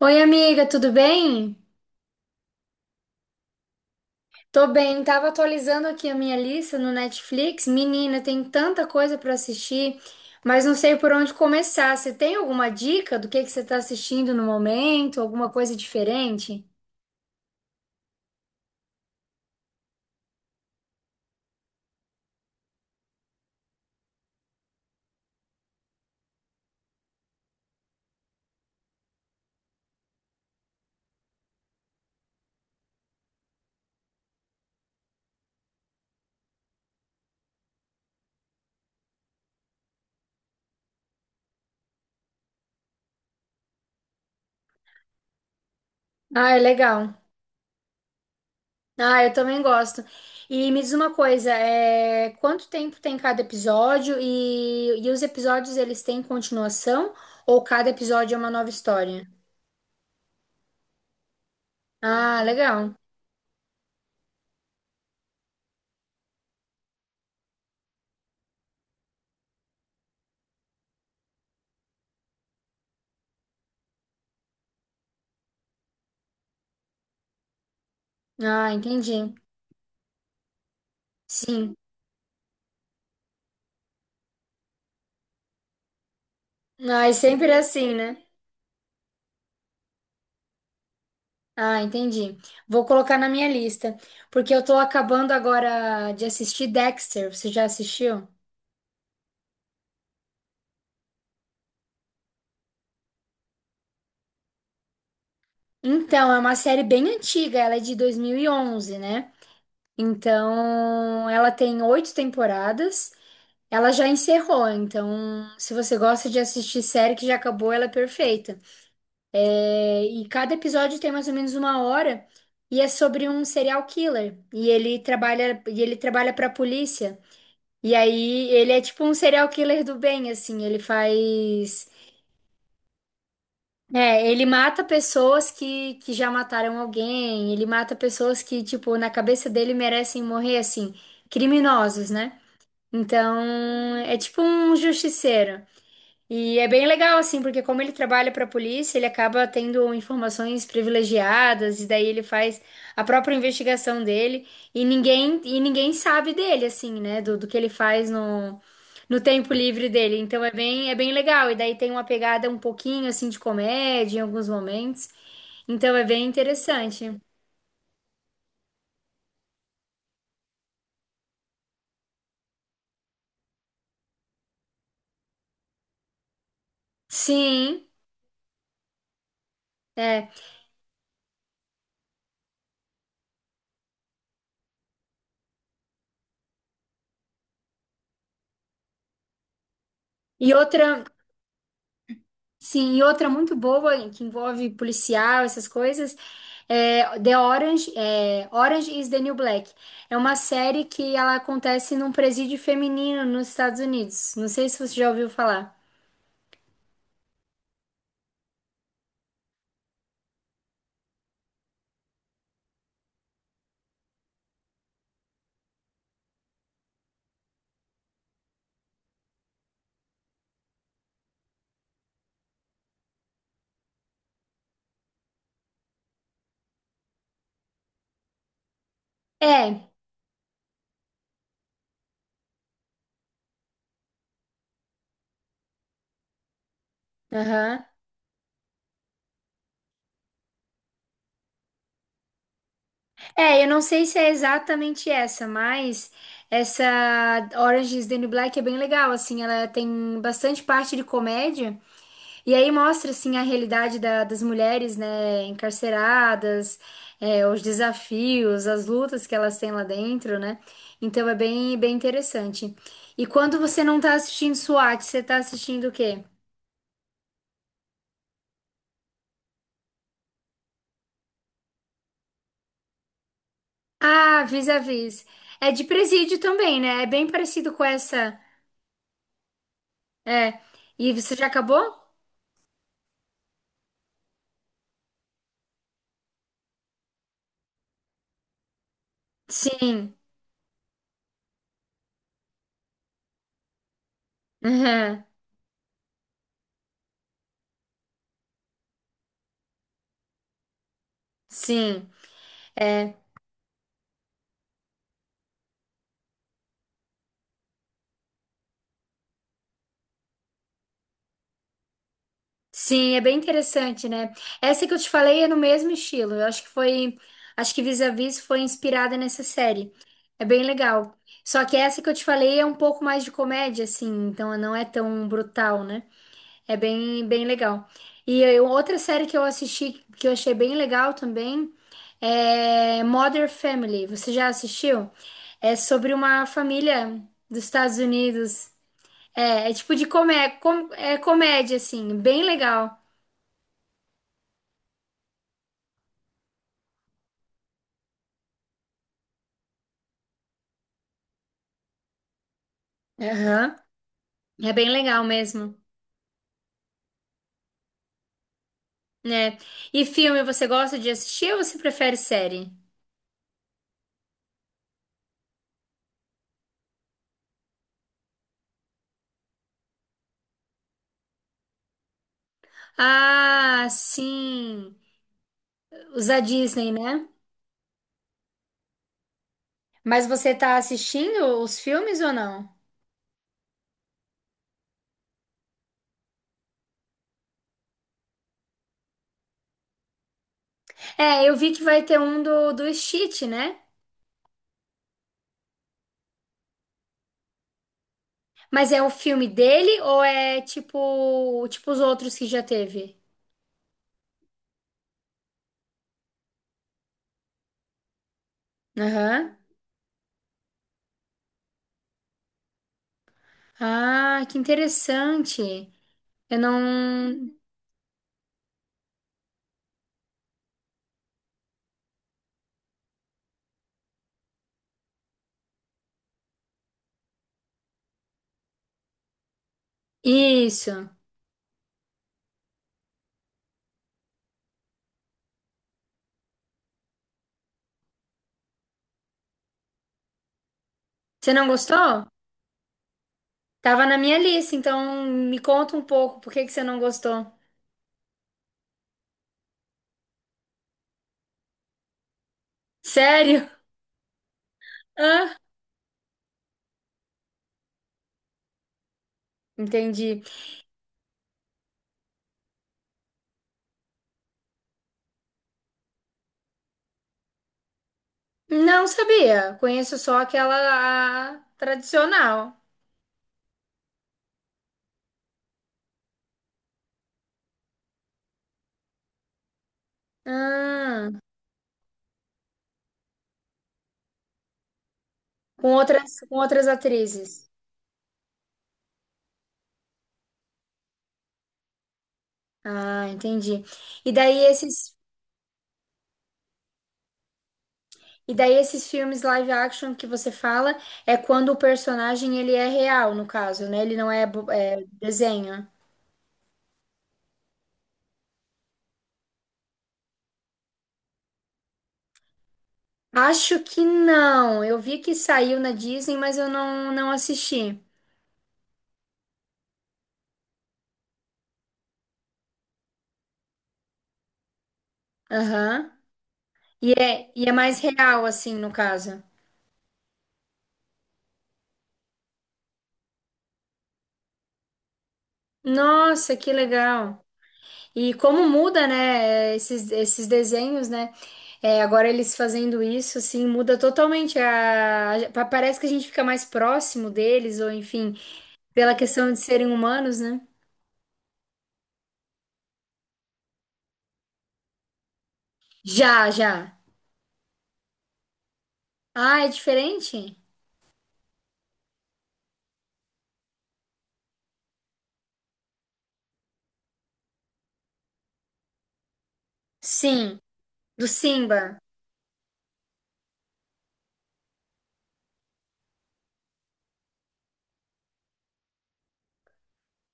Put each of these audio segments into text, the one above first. Oi, amiga, tudo bem? Tô bem, tava atualizando aqui a minha lista no Netflix. Menina, tem tanta coisa pra assistir, mas não sei por onde começar. Você tem alguma dica do que você tá assistindo no momento? Alguma coisa diferente? Ah, é legal. Ah, eu também gosto. E me diz uma coisa, quanto tempo tem cada episódio e os episódios eles têm continuação ou cada episódio é uma nova história? Ah, legal. Ah, entendi. Sim. Ai, sempre é assim, né? Ah, entendi. Vou colocar na minha lista, porque eu tô acabando agora de assistir Dexter. Você já assistiu? Então, é uma série bem antiga, ela é de 2011, né? Então, ela tem 8 temporadas. Ela já encerrou, então, se você gosta de assistir série que já acabou, ela é perfeita. É, e cada episódio tem mais ou menos uma hora e é sobre um serial killer. E ele trabalha para a polícia. E aí ele é tipo um serial killer do bem, assim, ele faz. É, ele mata pessoas que já mataram alguém, ele mata pessoas que, tipo, na cabeça dele merecem morrer, assim, criminosos, né? Então, é tipo um justiceiro. E é bem legal, assim, porque como ele trabalha para a polícia, ele acaba tendo informações privilegiadas, e daí ele faz a própria investigação dele, e ninguém sabe dele, assim, né? Do que ele faz no tempo livre dele. Então é bem legal, e daí tem uma pegada um pouquinho, assim, de comédia em alguns momentos. Então é bem interessante. Sim, é. E outra. Sim, e outra muito boa e que envolve policial, essas coisas, é Orange is the New Black. É uma série que ela acontece num presídio feminino nos Estados Unidos. Não sei se você já ouviu falar. É, aham. É, eu não sei se é exatamente essa, mas essa Orange is the New Black é bem legal, assim, ela tem bastante parte de comédia. E aí mostra assim a realidade da- das mulheres, né, encarceradas, é, os desafios, as lutas que elas têm lá dentro, né? Então é bem, bem interessante. E quando você não tá assistindo SWAT, você tá assistindo o quê? Ah, Vis-a-Vis. É de presídio também, né? É bem parecido com essa. É. E você já acabou? Sim. Uhum. Sim. É. Sim, é bem interessante, né? Essa que eu te falei é no mesmo estilo. Eu acho que foi, acho que Vis-a-Vis foi inspirada nessa série. É bem legal. Só que essa que eu te falei é um pouco mais de comédia, assim, então não é tão brutal, né? É bem, bem legal. E eu- outra série que eu assisti que eu achei bem legal também é Modern Family. Você já assistiu? É sobre uma família dos Estados Unidos. É, é tipo de comé com- é comédia, assim, bem legal. Aham. É bem legal mesmo, né? E filme, você gosta de assistir ou você prefere série? Ah, sim. Os da Disney, né? Mas você tá assistindo os filmes ou não? É, eu vi que vai ter um do, do Stitch, né? Mas é o filme dele ou é tipo, tipo os outros que já teve? Aham. Ah, que interessante. Eu não. Isso. Você não gostou? Tava na minha lista, então me conta um pouco, por que que você não gostou? Sério? Hã? Entendi. Não sabia. Conheço só aquela a, tradicional. Ah, com outras atrizes. Ah, entendi. E daí esses, e daí esses filmes live action que você fala é quando o personagem ele é real, no caso, né? Ele não é, bo- é desenho. Acho que não. Eu vi que saiu na Disney, mas eu não, não assisti. Aham. E é mais real, assim, no caso. Nossa, que legal. E como muda, né, esses, esses desenhos, né? É, agora eles fazendo isso, assim, muda totalmente a... pa- Parece que a gente fica mais próximo deles, ou enfim, pela questão de serem humanos, né? Já, já. Ah, é diferente? Sim, do Simba.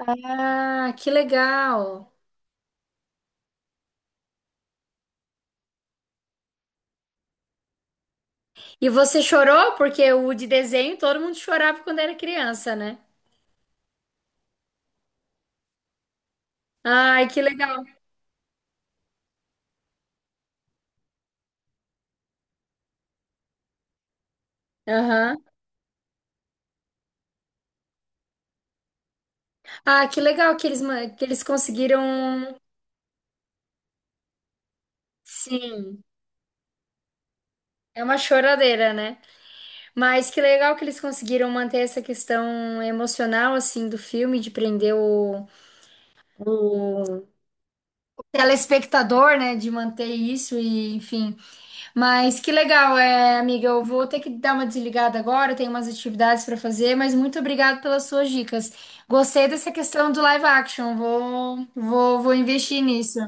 Ah, que legal. E você chorou? Porque o de desenho todo mundo chorava quando era criança, né? Ai, que legal. Aham. Ah, que legal que eles, ma- que eles conseguiram. Sim, é uma choradeira, né? Mas que legal que eles conseguiram manter essa questão emocional, assim, do filme, de prender o telespectador, né? De manter isso e, enfim. Mas que legal, é, amiga. Eu vou ter que dar uma desligada agora, tenho umas atividades para fazer, mas muito obrigada pelas suas dicas. Gostei dessa questão do live action, vou investir nisso.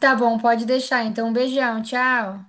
Tá bom, pode deixar. Então, um beijão, tchau.